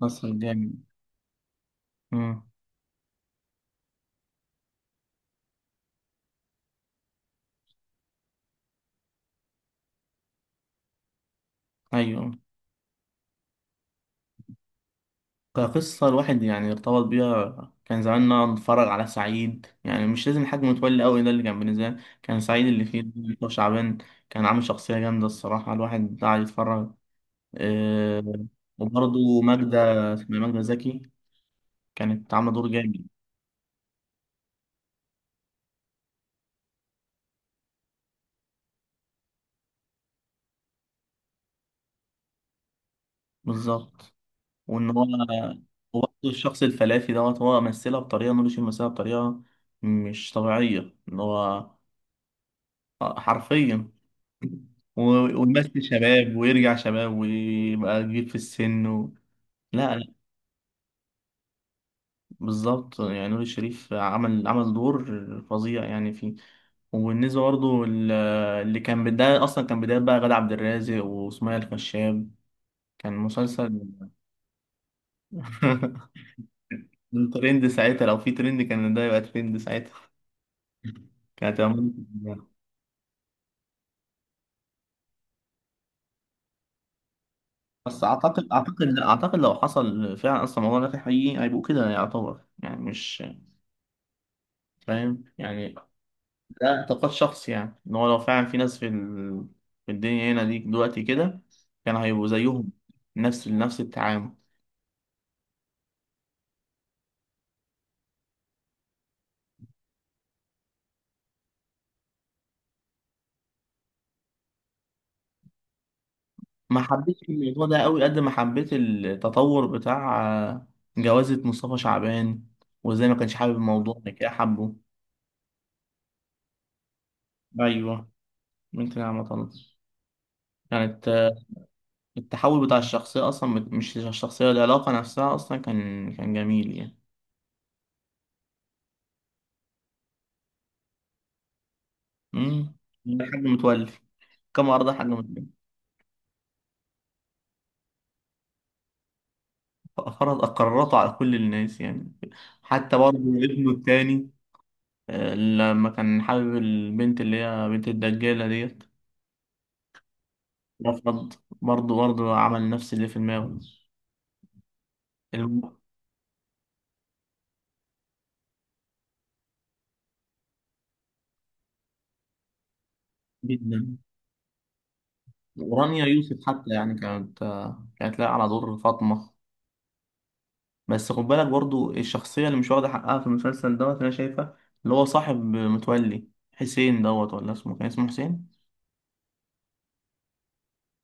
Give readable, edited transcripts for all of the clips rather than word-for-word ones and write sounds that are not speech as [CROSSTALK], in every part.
مصر جامد. مم. أيوة. كقصة الواحد يعني ارتبط بيها، كان زماننا نتفرج على سعيد، يعني مش لازم حد متولي أوي، ده اللي كان بالنسبة لي. كان سعيد اللي فيه دكتور شعبان كان عامل شخصية جامدة، الصراحة الواحد قاعد يتفرج. آه، وبرضه ماجدة، اسمها ماجدة زكي، كانت عاملة دور جامد. بالظبط. وإن هو وبرضه الشخص الفلافي دوت، هو مثلها بطريقة نور الشريف، مثلها بطريقة مش طبيعية إن هو حرفيا. و- ويمثل شباب ويرجع شباب ويبقى كبير في السن لا لا. بالظبط، يعني نور الشريف عمل دور فظيع يعني فيه. وبالنسبة برضه اللي كان بداية، أصلا كان بداية بقى غادة عبد الرازق وسمية الخشاب، كان مسلسل [LAUGHS] من ترند ساعتها، لو في ترند كان ده يبقى ترند ساعتها. كانت هتعمل- بس أعتقد لا أعتقد لو حصل فعلا أصلا الموضوع ده في حقيقي، هيبقوا كده، يعتبر يعني مش فاهم يعني. ده اعتقاد شخصي، يعني ان هو لو فعلا في ناس في في الدنيا هنا دي دلوقتي كده، كان هيبقوا زيهم، نفس التعامل. ما حبيتش الموضوع ده قوي قد ما حبيت التطور بتاع آه، جوازة مصطفى شعبان، وازاي ما كانش حابب الموضوع ده، كده حبه. ايوه. ممكن انا ما طلعتش. كانت آه، التحول بتاع الشخصية، اصلا مش الشخصية، العلاقة نفسها اصلا كان جميل يعني. امم لحد متولي كم عرض حاجة. فرض قراراته على كل الناس، يعني حتى برضه ابنه التاني لما كان حابب البنت اللي هي بنت الدجالة ديت، رفض. برضه عمل نفس اللي في دماغه. الم- جدا. ورانيا يوسف حتى يعني كانت كانت لاقية على دور فاطمة. بس خد بالك برضه الشخصية اللي مش واخدة حقها في المسلسل دوت أنا شايفها، اللي هو صاحب متولي، حسين دوت، ولا اسمه كان اسمه حسين؟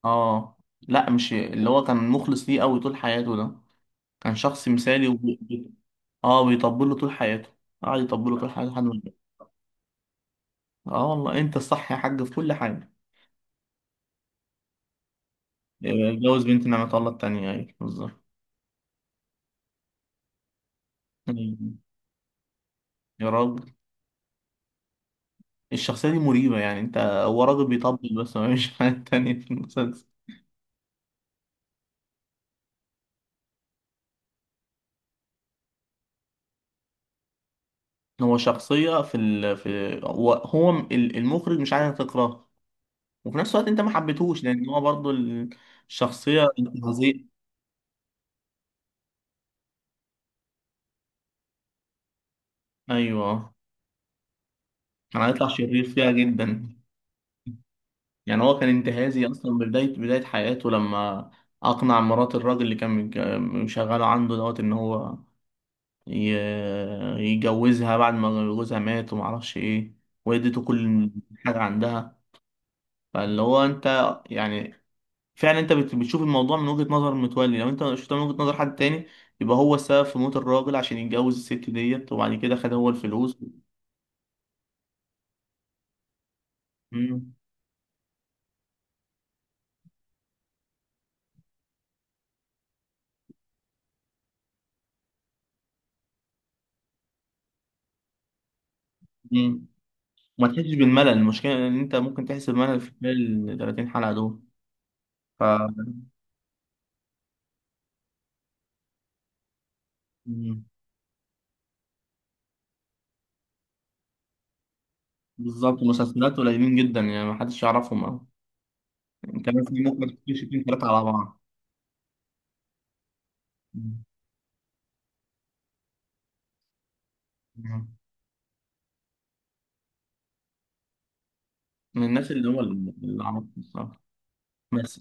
اه، لا مش اللي هو كان مخلص ليه قوي طول حياته ده، كان شخص مثالي. و... اه، بيطبل له طول حياته، قعد يطبل له طول حياته لحد ما اتجوز. اه، والله انت الصح يا حاج في كل حاجه. اتجوز بنت نعمة الله التانية، ايوه بالظبط. أيوة. يا راجل، الشخصية دي مريبة، يعني انت هو راجل بيطبل بس ما فيش حاجة تانية في المسلسل. هو شخصية في ال... في هو هو ال- المخرج مش عايز تكرهه، وفي نفس الوقت انت ما حبيتهوش لان هو برضو الشخصية انتهازية. ايوه، كان هيطلع شرير فيها جدا. يعني هو كان انتهازي اصلا من بدايه حياته، لما اقنع مرات الراجل اللي كان مشغله عنده دوت ان هو ي- يجوزها، بعد ما جوزها مات وما اعرفش ايه، واديته كل حاجه عندها. فاللي هو انت يعني فعلا انت بتشوف الموضوع من وجهه نظر متولي، لو انت شفته من وجهه نظر حد تاني، يبقى هو السبب في موت الراجل عشان يتجوز الست ديت وبعد كده خد هو الفلوس. مم. مم. وما تحسش بالملل، المشكله ان انت ممكن تحس بملل في خلال ال 30 حلقه دول. مم. بالظبط، مسلسلات قليلين جدا يعني ما حدش يعرفهم أوي، يعني كمان في ممكن تكون شايفين ثلاثة على بعض. مم. مم. من الناس اللي هو اللي عملت الصراحة. بس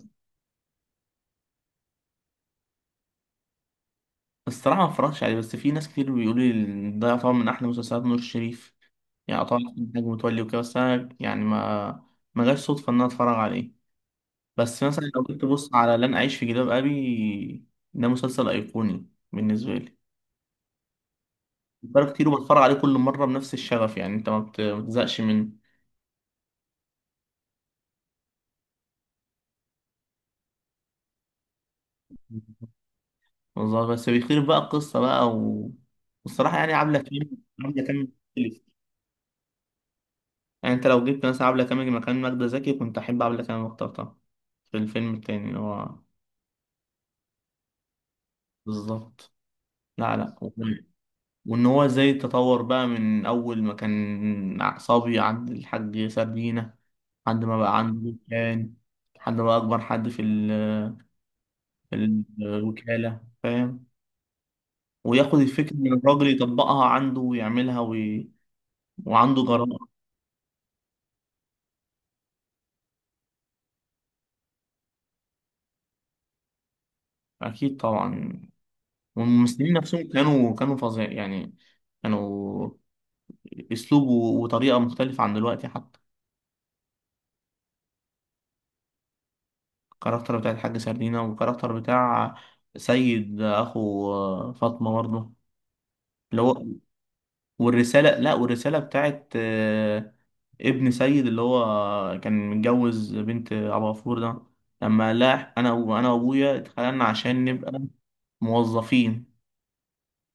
الصراحة ما اتفرجتش عليه، بس في ناس كتير بيقولوا لي إن ده طبعا من أحلى مسلسلات نور الشريف، يعني طبعا إنتاج متولي وكده، بس أنا يعني ما جاش صدفة إن أنا أتفرج عليه. بس مثلا لو كنت بص على لن أعيش في جلباب أبي، ده مسلسل أيقوني بالنسبة لي، بتفرج كتير وبتفرج عليه كل مرة بنفس الشغف، يعني أنت ما بتزهقش منه. بالظبط، بس بيخير بقى القصة بقى والصراحة يعني عبلة كامل، عبلة كامل مختلف. يعني أنت لو جبت مثلا عبلة كامل مكان منى زكي، كنت أحب عبلة كامل واخترتها في الفيلم التاني اللي هو بالظبط. لا لا. وإن هو إزاي تطور بقى من أول ما كان صبي عند الحاج سردينة، لحد ما بقى عنده كان، لحد ما بقى أكبر حد في في الوكالة، فاهم. وياخد الفكرة من الراجل، يطبقها عنده ويعملها وعنده جرأة. أكيد طبعا، والممثلين نفسهم كانوا فظيع يعني. كانوا اسلوب وطريقه مختلفه عن دلوقتي حتى. الكاركتر بتاع الحاج سردينة، والكاركتر بتاع سيد اخو فاطمه برضه، اللي هو، والرساله لا والرساله بتاعت ابن سيد اللي هو كان متجوز بنت ابو غفور ده، لما لا انا وابويا اتخلقنا عشان نبقى موظفين،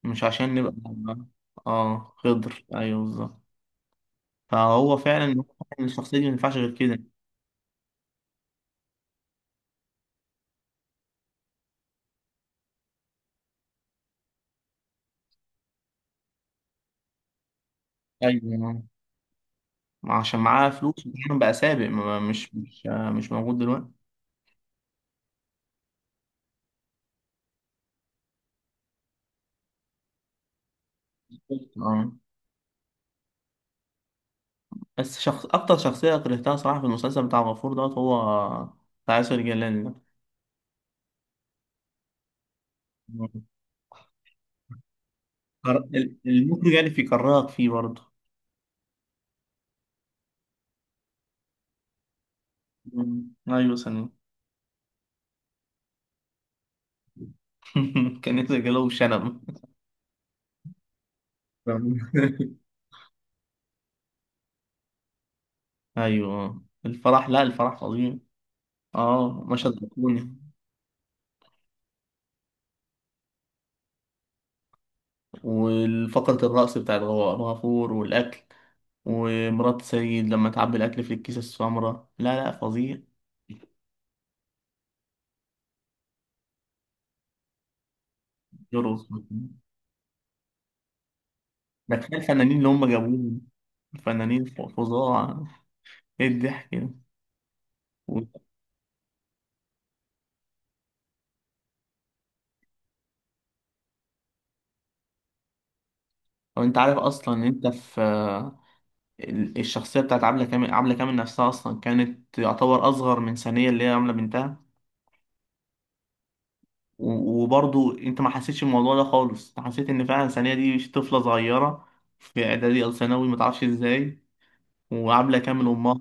مش عشان نبقى. اه، خضر، ايوه بالظبط. فهو فعلا هو الشخصية دي ما ينفعش غير كده. ايوه، ما عشان معاه فلوس دايما بقى سابق، مش موجود دلوقتي. اه، بس شخص اكتر شخصية كرهتها صراحة في المسلسل بتاع غفور دوت، هو بتاع ياسر جلال ده. المخرج يعني في كرهك فيه برضه. مم. ايوه، سنة. [LAUGHS] كان ياسر جلال وشنب. [LAUGHS] ايوه. الفرح، لا الفرح فظيعي. اه، مشهد ايقوني. والفقرة الرقص بتاع الغفور، والاكل، ومرات سيد لما تعبي الأكل في الكيسة السمراء، لا لا، فظيع. يرقص. ده كفاية الفنانين اللي هم جابوهم، فنانين فظاع. ايه الضحك ده. و- وانت عارف اصلا ان انت في الشخصيه بتاعت عبله كامل، عبله كامل نفسها اصلا كانت يعتبر اصغر من ثانيه اللي هي عامله بنتها، وبرضو انت ما حسيتش الموضوع ده خالص، انت حسيت ان فعلا ثانيه دي طفله صغيره في اعدادي او ثانوي ما تعرفش ازاي، وعبله كامل امها.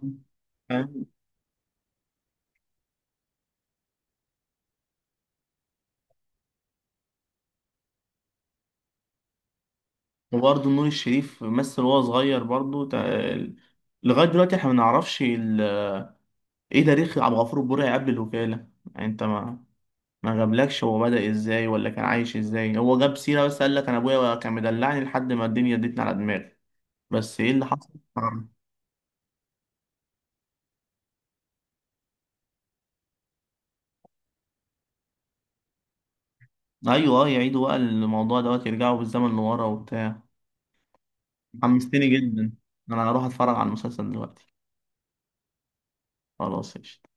وبرضه نور الشريف مثل وهو صغير برضه لغاية دلوقتي احنا ما نعرفش ايه تاريخ عبد الغفور البرعي قبل الوكالة. يعني انت ما، جابلكش هو بدأ ازاي ولا كان عايش ازاي، هو جاب سيرة بس قال لك انا ابويا كان مدلعني لحد ما الدنيا ادتني على دماغي، بس ايه اللي حصل. آه. ايوه، اه، يعيدوا بقى الموضوع دوت، يرجعوا بالزمن لورا وبتاع. حمستني جدا، انا هروح اتفرج على المسلسل دلوقتي. خلاص، قشطة.